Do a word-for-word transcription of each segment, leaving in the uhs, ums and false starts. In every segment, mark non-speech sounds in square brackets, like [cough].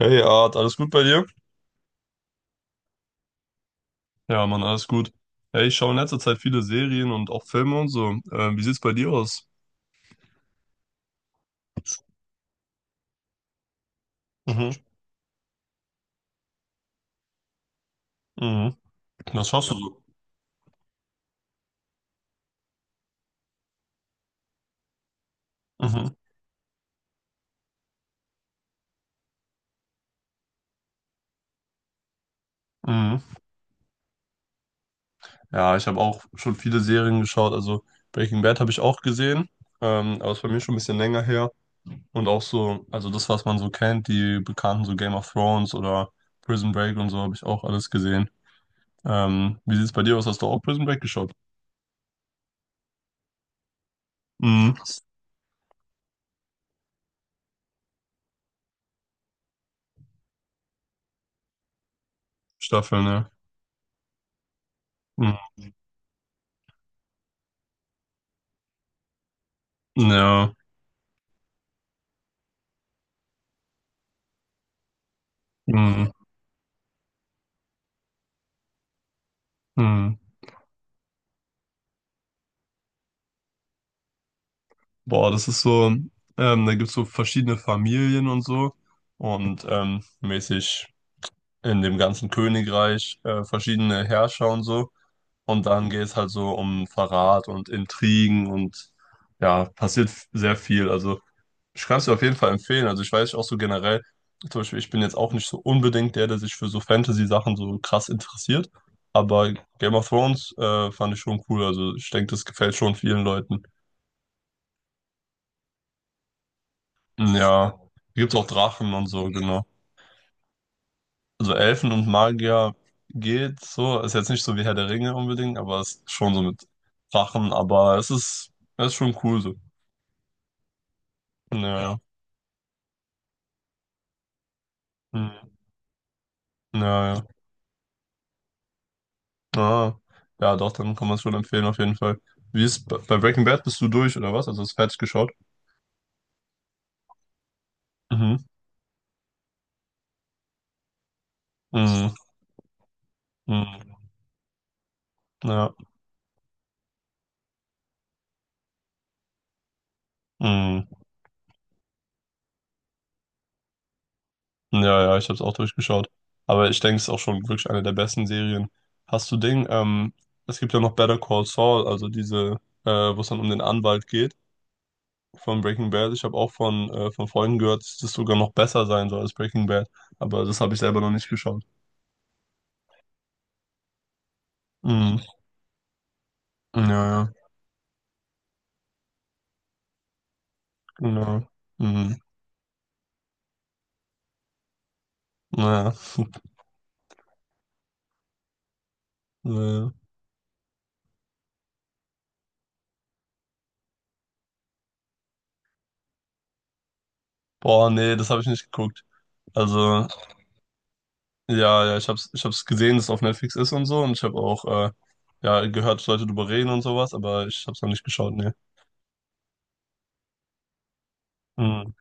Hey Art, alles gut bei dir? Ja, Mann, alles gut. Ja, ich schaue in letzter Zeit viele Serien und auch Filme und so. Ähm, wie sieht's bei dir aus? Mhm, mhm. Was schaust du so? Mhm, mhm. Ja, ich habe auch schon viele Serien geschaut. Also Breaking Bad habe ich auch gesehen, ähm, aber ist bei mir schon ein bisschen länger her. Und auch so, also das, was man so kennt, die bekannten so Game of Thrones oder Prison Break und so, habe ich auch alles gesehen. Ähm, wie sieht's bei dir aus? Hast du auch Prison Break geschaut? Mhm. Staffeln, ne? Mhm. Ja. Mhm. Mhm. Boah, das ist so, ähm, da gibt's so verschiedene Familien und so und ähm, mäßig in dem ganzen Königreich äh, verschiedene Herrscher und so. Und dann geht's halt so um Verrat und Intrigen und ja, passiert f- sehr viel. Also ich kann es dir auf jeden Fall empfehlen. Also ich weiß auch so generell, zum Beispiel, ich bin jetzt auch nicht so unbedingt der, der sich für so Fantasy-Sachen so krass interessiert. Aber Game of Thrones äh, fand ich schon cool. Also ich denke, das gefällt schon vielen Leuten. Ja, gibt's auch Drachen und so, genau. Also Elfen und Magier geht so, ist jetzt nicht so wie Herr der Ringe unbedingt, aber es ist schon so mit Drachen, aber es ist, es ist schon cool so. Ja. Naja, ja. Naja, ah, ja, doch, dann kann man es schon empfehlen auf jeden Fall. Wie ist, bei bei Breaking Bad bist du durch oder was? Also hast du fertig geschaut? Mhm, mhm, mhm, ja, mhm. Ja, ja, ich habe es auch durchgeschaut. Aber ich denke, es ist auch schon wirklich eine der besten Serien. Hast du Ding? Ähm, es gibt ja noch Better Call Saul, also diese, äh, wo es dann um den Anwalt geht von Breaking Bad. Ich habe auch von, äh, von Freunden gehört, dass das sogar noch besser sein soll als Breaking Bad. Aber das habe ich selber noch nicht geschaut. Mhm. Ja, ja, genau. Mhm. Naja. [laughs] Naja. Boah, nee, das habe ich nicht geguckt. Also, ja, ja, ich hab's, ich hab's gesehen, dass es auf Netflix ist und so und ich habe auch äh, ja, gehört, Leute drüber reden und sowas, aber ich hab's noch nicht geschaut, ne. Mm,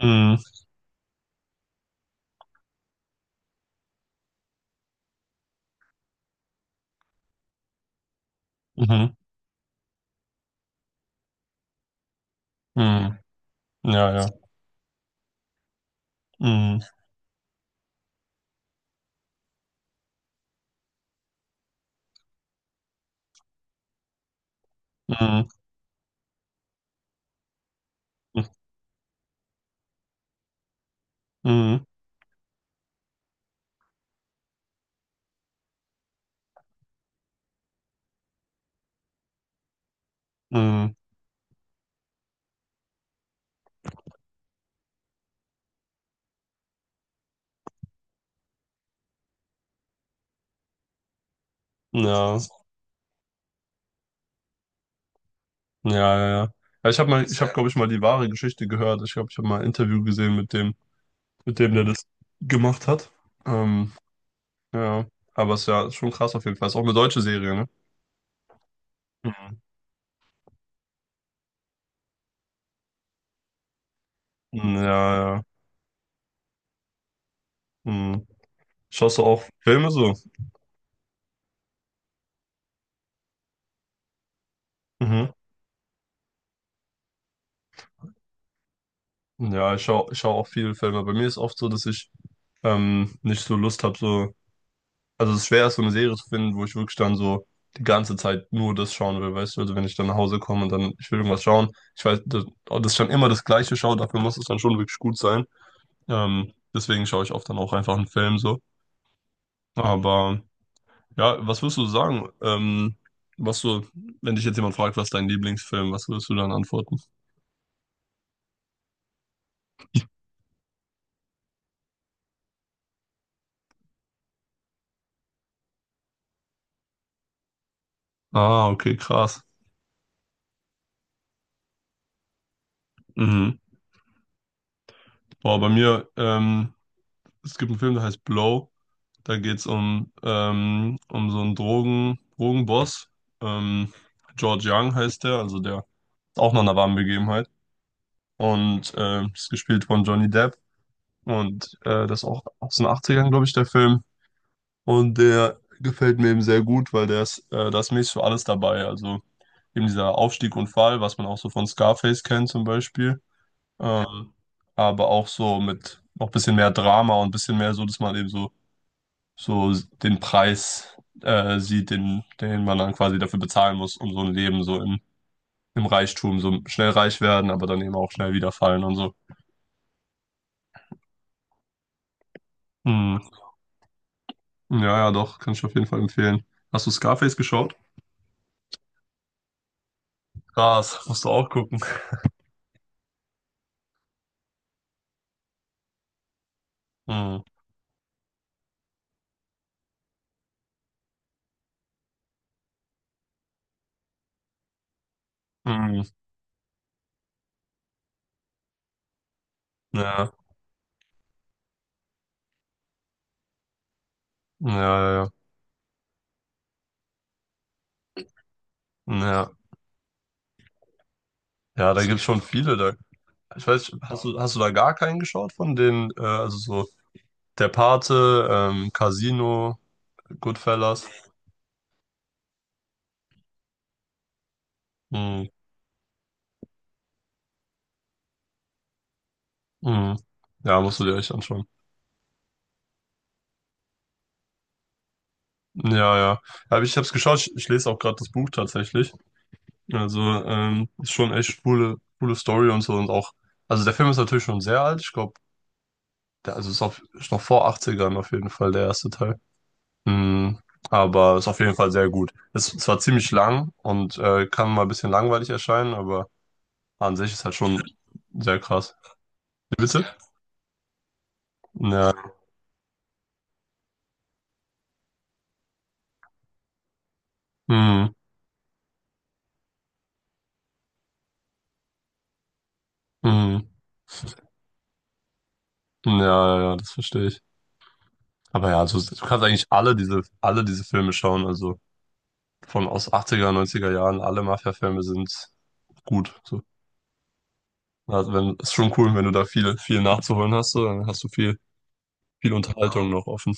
mm, mhm, mm, ja, ja. Mm, mm, mm, mm, ja, ja, ja, ja. Ja, ich habe mal, ich habe, glaube ich, mal die wahre Geschichte gehört. Ich glaube, ich habe mal ein Interview gesehen mit dem, mit dem, der das gemacht hat. Ähm, ja, aber es ist ja schon krass auf jeden Fall. Ist auch eine deutsche Serie, ne? Mhm. Ja, ja. Mhm. Schaust du auch Filme so? Mhm. Ja, ich schaue ich schau auch viele Filme. Bei mir ist oft so, dass ich ähm, nicht so Lust habe, so. Also es ist schwer, so eine Serie zu finden, wo ich wirklich dann so die ganze Zeit nur das schauen will, weißt du? Also wenn ich dann nach Hause komme und dann, ich will irgendwas schauen, ich weiß, dass, dass ich dann immer das Gleiche schaue, dafür muss es dann schon wirklich gut sein. Ähm, deswegen schaue ich oft dann auch einfach einen Film so. Aber ja, was würdest du sagen? Ähm, was du, wenn dich jetzt jemand fragt, was ist dein Lieblingsfilm, was würdest du dann antworten? Ah, okay, krass. Mhm. Boah, bei mir, ähm, es gibt einen Film, der heißt Blow. Da geht es um, ähm, um so einen Drogen, Drogenboss. Ähm, George Young heißt der, also der ist auch noch eine warme Begebenheit. Und ähm, ist gespielt von Johnny Depp. Und äh, das ist auch aus den achtzigern, glaube ich, der Film. Und der gefällt mir eben sehr gut, weil der ist, äh, da ist mäßig für alles dabei. Also eben dieser Aufstieg und Fall, was man auch so von Scarface kennt zum Beispiel. Ähm, aber auch so mit noch ein bisschen mehr Drama und ein bisschen mehr so, dass man eben so so den Preis äh, sieht, den, den man dann quasi dafür bezahlen muss, um so ein Leben so im, im Reichtum, so schnell reich werden, aber dann eben auch schnell wieder fallen und so. Hm. Ja, ja, doch, kann ich auf jeden Fall empfehlen. Hast du Scarface geschaut? Krass, musst du auch gucken. Hm. Hm. Ja, ja, ja, ja. Ja, ja, da gibt's schon viele. Da. Ich weiß, nicht, hast du, hast du da gar keinen geschaut von den, äh, also so der Pate, ähm, Casino, Goodfellas? Hm. Hm. Ja, musst du dir echt anschauen. Ja, ja. Ja, aber ich habe es geschaut, ich, ich lese auch gerade das Buch tatsächlich. Also, ähm, ist schon echt coole, coole Story und so und auch. Also der Film ist natürlich schon sehr alt. Ich glaube, der also ist, auf, ist noch vor Achtzigern auf jeden Fall der erste Teil. Mhm. Aber ist auf jeden Fall sehr gut. Ist zwar ziemlich lang und äh, kann mal ein bisschen langweilig erscheinen, aber an sich ist halt schon sehr krass. Wie bitte? Ja. Mhm. Mhm. Ja, ja, ja, das verstehe ich. Aber ja, also, du kannst eigentlich alle diese, alle diese Filme schauen. Also von aus achtziger neunziger Jahren, alle Mafia-Filme sind gut. So. Also wenn, ist schon cool, wenn du da viel, viel nachzuholen hast, so, dann hast du viel, viel Unterhaltung Ja. noch offen.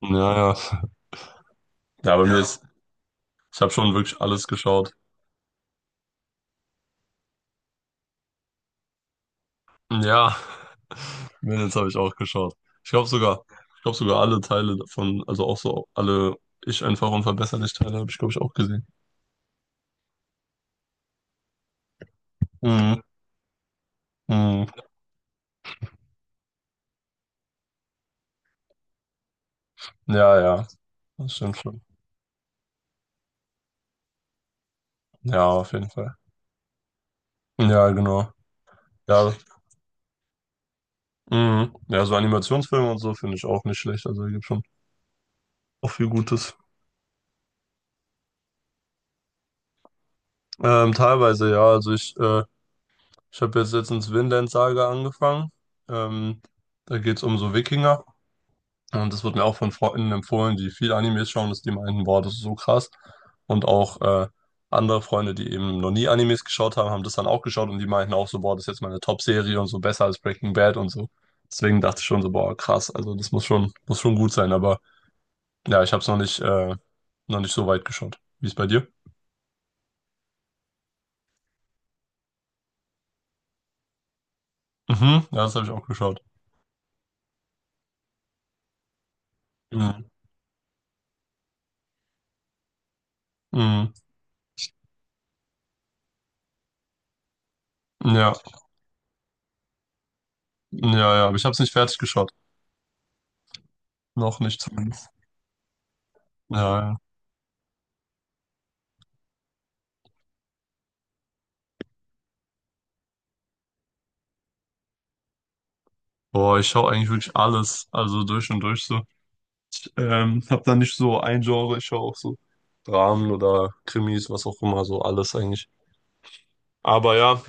Ja, ja. Ja, bei mir Ja. ist, ich habe schon wirklich alles geschaut. Ja, Mädels habe ich auch geschaut. Ich glaube sogar, ich glaube sogar alle Teile davon, also auch so alle Ich einfach unverbesserlich Teile habe ich, glaube ich, auch gesehen. Mhm. Mhm. Ja, ja, das stimmt schon. Ja, auf jeden Fall. Ja, genau. Ja, mhm. Ja, so Animationsfilme und so finde ich auch nicht schlecht. Also, da gibt schon auch viel Gutes. Ähm, teilweise, ja. Also, ich, äh, ich habe jetzt letztens Vinland Saga angefangen. Ähm, da geht's um so Wikinger. Und das wird mir auch von Freunden empfohlen, die viel Animes schauen, dass die meinen, boah, das ist so krass. Und auch äh, andere Freunde, die eben noch nie Animes geschaut haben, haben das dann auch geschaut und die meinten auch so, boah, das ist jetzt meine Top-Serie und so besser als Breaking Bad und so. Deswegen dachte ich schon so, boah, krass. Also, das muss schon, muss schon gut sein. Aber. Ja, ich habe es noch nicht, äh, noch nicht so weit geschaut. Wie ist bei dir? Mhm, ja, das habe ich auch geschaut. Mhm. Mhm. Ja, ja, ja, aber ich habe es nicht fertig geschaut. Noch nicht zumindest. Ja, ja. Boah, ich schaue eigentlich wirklich alles, also durch und durch so. Ich, ähm, habe da nicht so ein Genre, ich schaue auch so Dramen oder Krimis, was auch immer, so alles eigentlich. Aber ja,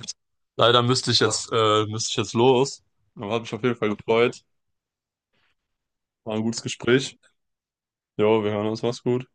leider müsste ich jetzt, äh, müsste ich jetzt los. Aber hat mich auf jeden Fall gefreut. War ein gutes Gespräch. Jo, wir hören uns, mach's gut.